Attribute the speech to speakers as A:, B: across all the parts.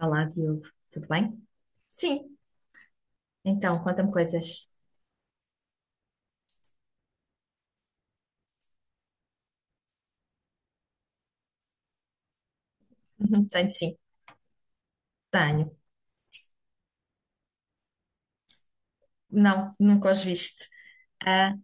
A: Olá, Diogo. Tudo bem? Sim. Então, conta-me coisas. Uhum, tenho sim. Tenho. Não, nunca os viste. Ah,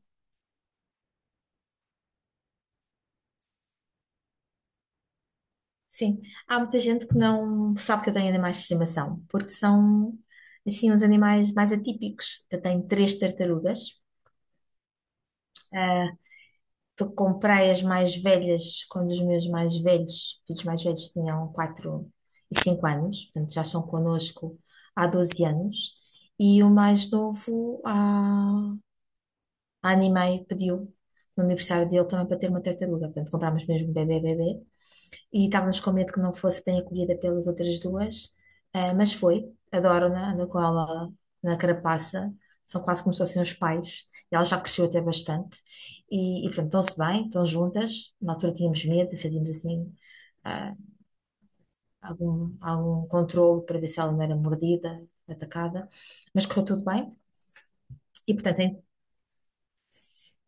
A: sim. Há muita gente que não sabe que eu tenho animais de estimação, porque são, assim, os animais mais atípicos. Eu tenho três tartarugas. Ah, tu comprei as mais velhas quando os meus mais velhos, filhos mais velhos, tinham 4 e 5 anos. Portanto, já estão connosco há 12 anos. E o mais novo a Animai pediu no aniversário dele também para ter uma tartaruga. Portanto, comprámos mesmo bebê, bebê. E estávamos com medo que não fosse bem acolhida pelas outras duas, mas foi. Adoro-na, ando com ela na carapaça. São quase como se fossem os pais. E ela já cresceu até bastante. E portanto, estão-se bem, estão juntas. Na altura tínhamos medo, fazíamos assim ah, algum controle para ver se ela não era mordida, atacada. Mas correu tudo bem. E, portanto,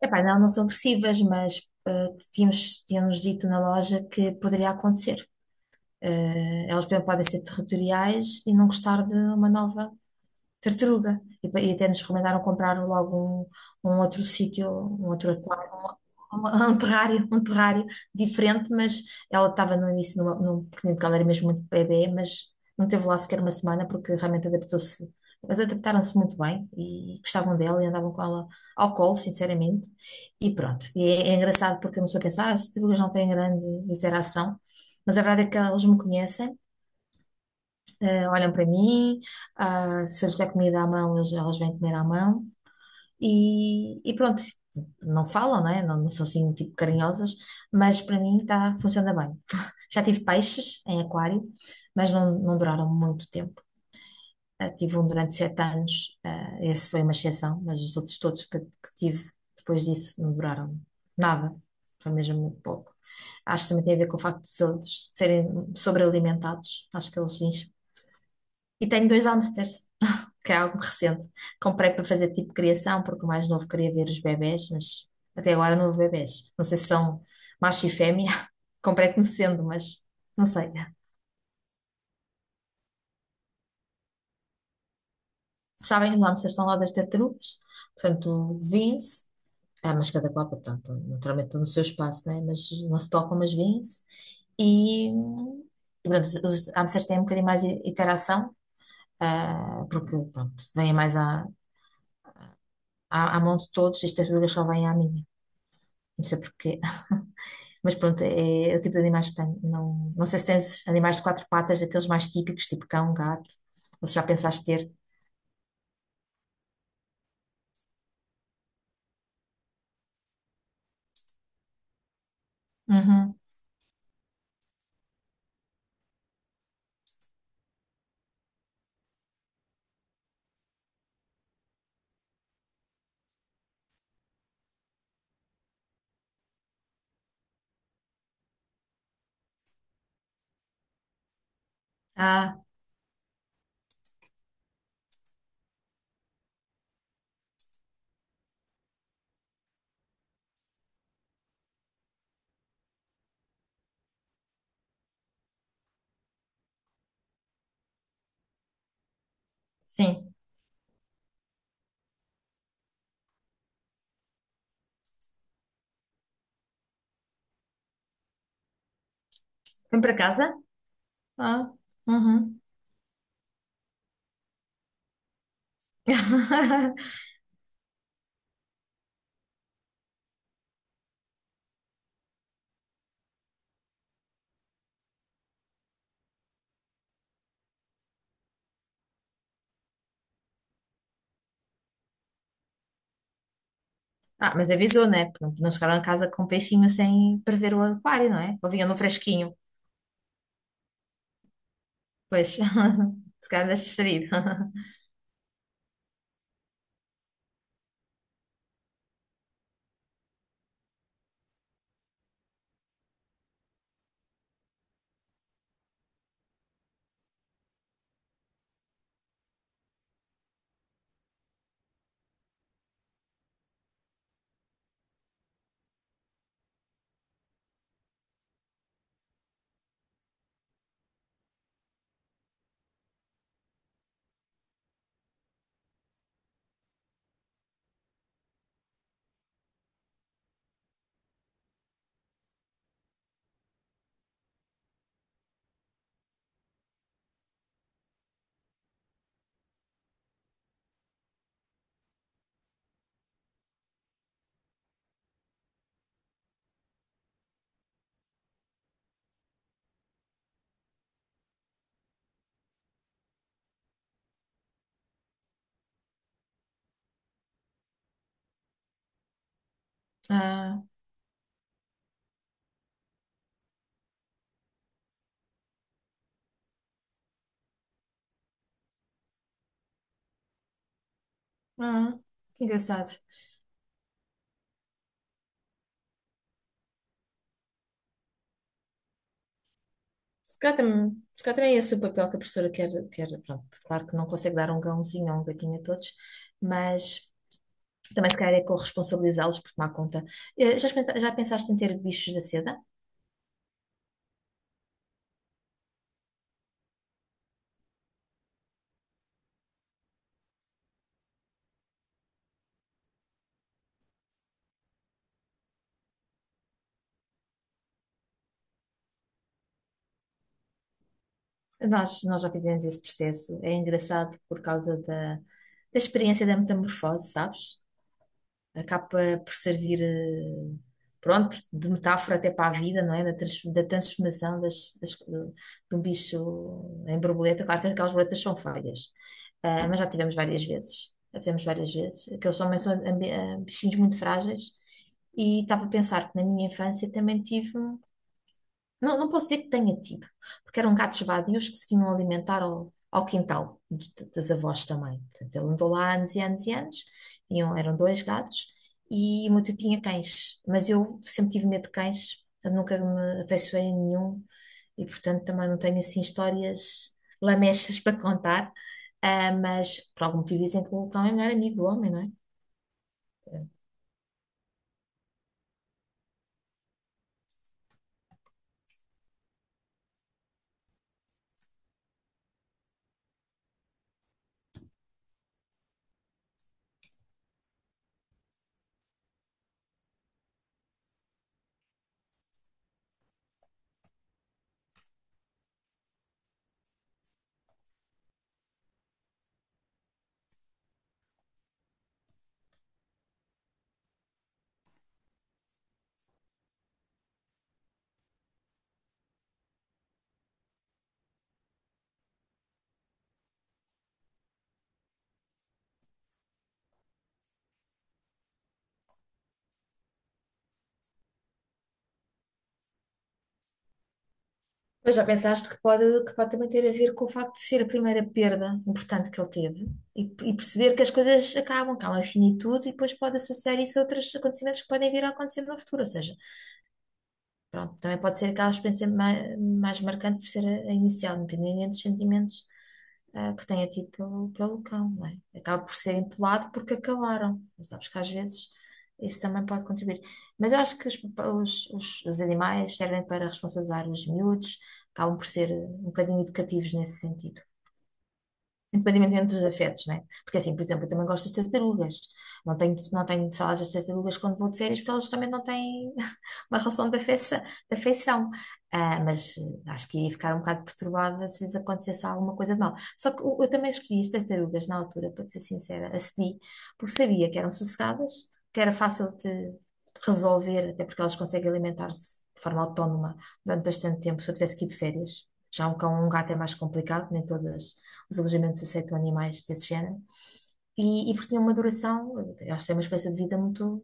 A: epá, não, não são agressivas, mas tínhamos dito na loja que poderia acontecer. Elas, por exemplo, podem ser territoriais e não gostar de uma nova tartaruga. E até nos recomendaram comprar logo um outro sítio, um outro aquário, um terrário diferente, mas ela estava no início numa, num pequenino, porque ela era mesmo muito bebê, mas não teve lá sequer uma semana porque realmente adaptou-se. Mas adaptaram-se muito bem e gostavam dela e andavam com ela ao colo, sinceramente. E pronto, e é engraçado porque a pessoa pensa, ah, as tartarugas não têm grande interação, mas a verdade é que elas me conhecem, olham para mim, ah, se eu lhes der comida à mão, elas vêm comer à mão e pronto, não falam, não é? Não, não são assim tipo carinhosas, mas para mim tá, funciona bem. Já tive peixes em aquário, mas não, não duraram muito tempo. Ah, tive um durante 7 anos, ah, esse foi uma exceção, mas os outros todos que tive depois disso não duraram nada, foi mesmo muito pouco. Acho que também tem a ver com o facto de eles serem sobrealimentados, acho que eles enchem. E tenho dois hamsters que é algo recente. Comprei para fazer tipo criação, porque o mais novo queria ver os bebés, mas até agora não houve bebés. Não sei se são macho e fêmea. Comprei como sendo, mas não sei. Sabem, os hamsters estão lá das tartarugas, portanto, vêm-se. Ah, mas cada qual, portanto, naturalmente estão no seu espaço, né? Mas não se tocam, mas vêm-se. E, pronto, os hamsters têm um bocadinho mais interação, ah, porque, pronto, vêm mais à mão de todos e as tartarugas só vêm à minha. Não sei porquê. Mas pronto, é, o tipo de animais que tenho. Não, não sei se tens animais de quatro patas, daqueles mais típicos, tipo cão, gato, ou se já pensaste ter. Uhum. Ah, sim. Vem para casa? Ah, uhum. Ah, mas avisou, né? Pronto, não chegaram a casa com um peixinho sem prever o aquário, não é? Ou vinha no fresquinho. Pois, se calhar deixa sair. Ah, ah, que engraçado. Se calhar também, se calhar também é esse o papel que a professora quer, pronto, claro que não consegue dar um gãozinho ou um gatinho a todos, mas também se calhar é corresponsabilizá-los por tomar conta. Já, já pensaste em ter bichos da seda? Nós já fizemos esse processo. É engraçado por causa da experiência da metamorfose, sabes? Acaba por servir, pronto, de metáfora até para a vida, não é? Da transformação de um bicho em borboleta. Claro que aquelas borboletas são feias, ah, mas já tivemos várias vezes. Já tivemos várias vezes. Aqueles também são ah, bichinhos muito frágeis. E estava a pensar que na minha infância também tive. Não, não posso dizer que tenha tido, porque eram gatos vadios que se vinham alimentar ao quintal das avós também. Portanto, ele andou lá anos e anos e anos, tinham, eram dois gatos, e o meu tio tinha cães, mas eu sempre tive medo de cães, portanto, nunca me afeiçoei a nenhum, e portanto também não tenho assim histórias lamechas para contar. Ah, mas por algum motivo dizem que o cão é o melhor amigo do homem, não é? Mas já pensaste que pode também ter a ver com o facto de ser a primeira perda importante que ele teve e perceber que as coisas acabam, que há uma finitude e depois pode associar isso a outros acontecimentos que podem vir a acontecer no futuro. Ou seja, pronto, também pode ser aquela experiência mais marcante por ser a inicial, independente dos sentimentos que tenha tido pelo cão, não é? Acaba por ser empolado porque acabaram. Mas sabes que às vezes isso também pode contribuir. Mas eu acho que os animais servem para responsabilizar os miúdos, acabam por ser um bocadinho educativos nesse sentido independentemente dos afetos, né? Porque assim, por exemplo, eu também gosto das tartarugas. Não tenho salas das tartarugas quando vou de férias, porque elas realmente não têm uma relação de de afeição. Ah, mas acho que ia ficar um bocado perturbada se lhes acontecesse alguma coisa de mal. Só que eu também escolhi as tartarugas na altura, para te ser sincera, acedi, porque sabia que eram sossegadas, que era fácil de resolver, até porque elas conseguem alimentar-se de forma autónoma durante bastante tempo. Se eu tivesse que ir de férias, já um cão ou um gato é mais complicado, nem todas os alojamentos aceitam animais desse género, e porque tinha uma duração, elas têm uma esperança de vida muito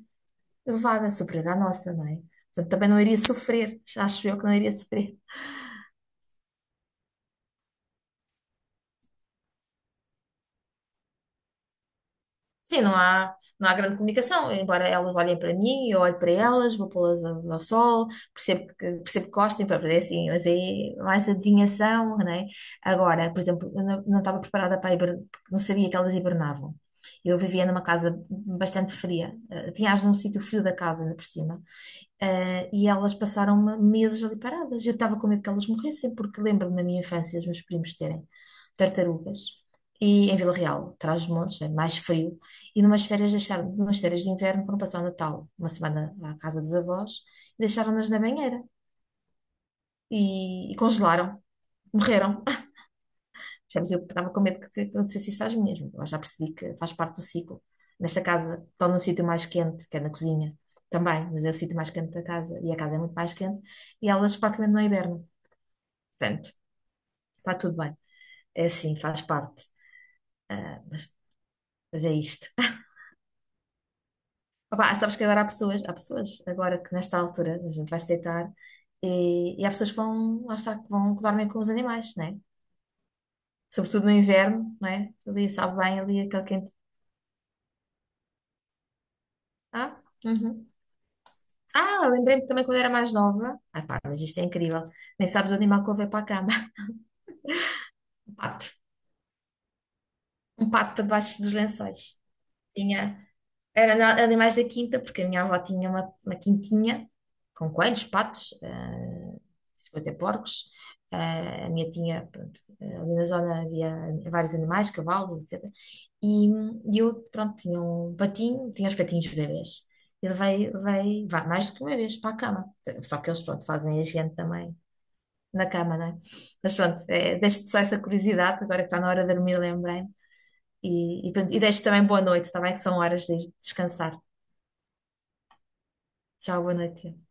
A: elevada, superior à nossa, não é? Portanto, também não iria sofrer, acho eu que não iria sofrer. Sim, não há grande comunicação, embora elas olhem para mim, eu olho para elas, vou pô-las ao sol, percebo que gostem, pá, é assim, mas é mais adivinhação, não é? Agora, por exemplo, eu não estava preparada para hibernar, porque não sabia que elas hibernavam. Eu vivia numa casa bastante fria, tinha as num sítio frio da casa, ainda por cima. E elas passaram meses ali paradas. Eu estava com medo que elas morressem, porque lembro-me na minha infância os meus primos terem tartarugas. E em Vila Real, atrás dos montes, é mais frio. E numas férias deixaram, numas férias de inverno foram passar o Natal, uma semana à casa dos avós, e deixaram-nas na banheira e congelaram, morreram. Percebes? Eu estava com medo que acontecesse isso às minhas. Agora já percebi que faz parte do ciclo. Nesta casa, estão num sítio mais quente, que é na cozinha também, mas é o sítio mais quente da casa e a casa é muito mais quente e elas praticamente não hibernam. Portanto, está tudo bem. É assim, faz parte. Mas é isto. Opa, sabes que agora há pessoas agora que nesta altura a gente vai se deitar e há pessoas que vão, lá está, que vão dormir com os animais, né? Sobretudo no inverno, né? Ali sabe bem, ali aquele quente. Ah, uhum. Ah, lembrei-me também quando era mais nova. Ai, pá, mas isto é incrível. Nem sabes o animal que eu levei para a cama. Um pato. Um pato para debaixo dos lençóis. Tinha. Era animais da quinta, porque a minha avó tinha uma quintinha com coelhos, patos, chegou a ter porcos. Ah, a minha tinha, pronto, ah, ali na zona havia vários animais, cavalos, etc. E, e eu, pronto, tinha um patinho, tinha os patinhos bebês. Ele vai mais do que uma vez para a cama. Só que eles, pronto, fazem a gente também. Na cama, não é? Mas pronto, é, deixo-te só essa curiosidade, agora que está na hora de dormir, lembrei-me. E deixo também boa noite, também que são horas de ir descansar. Tchau, boa noite.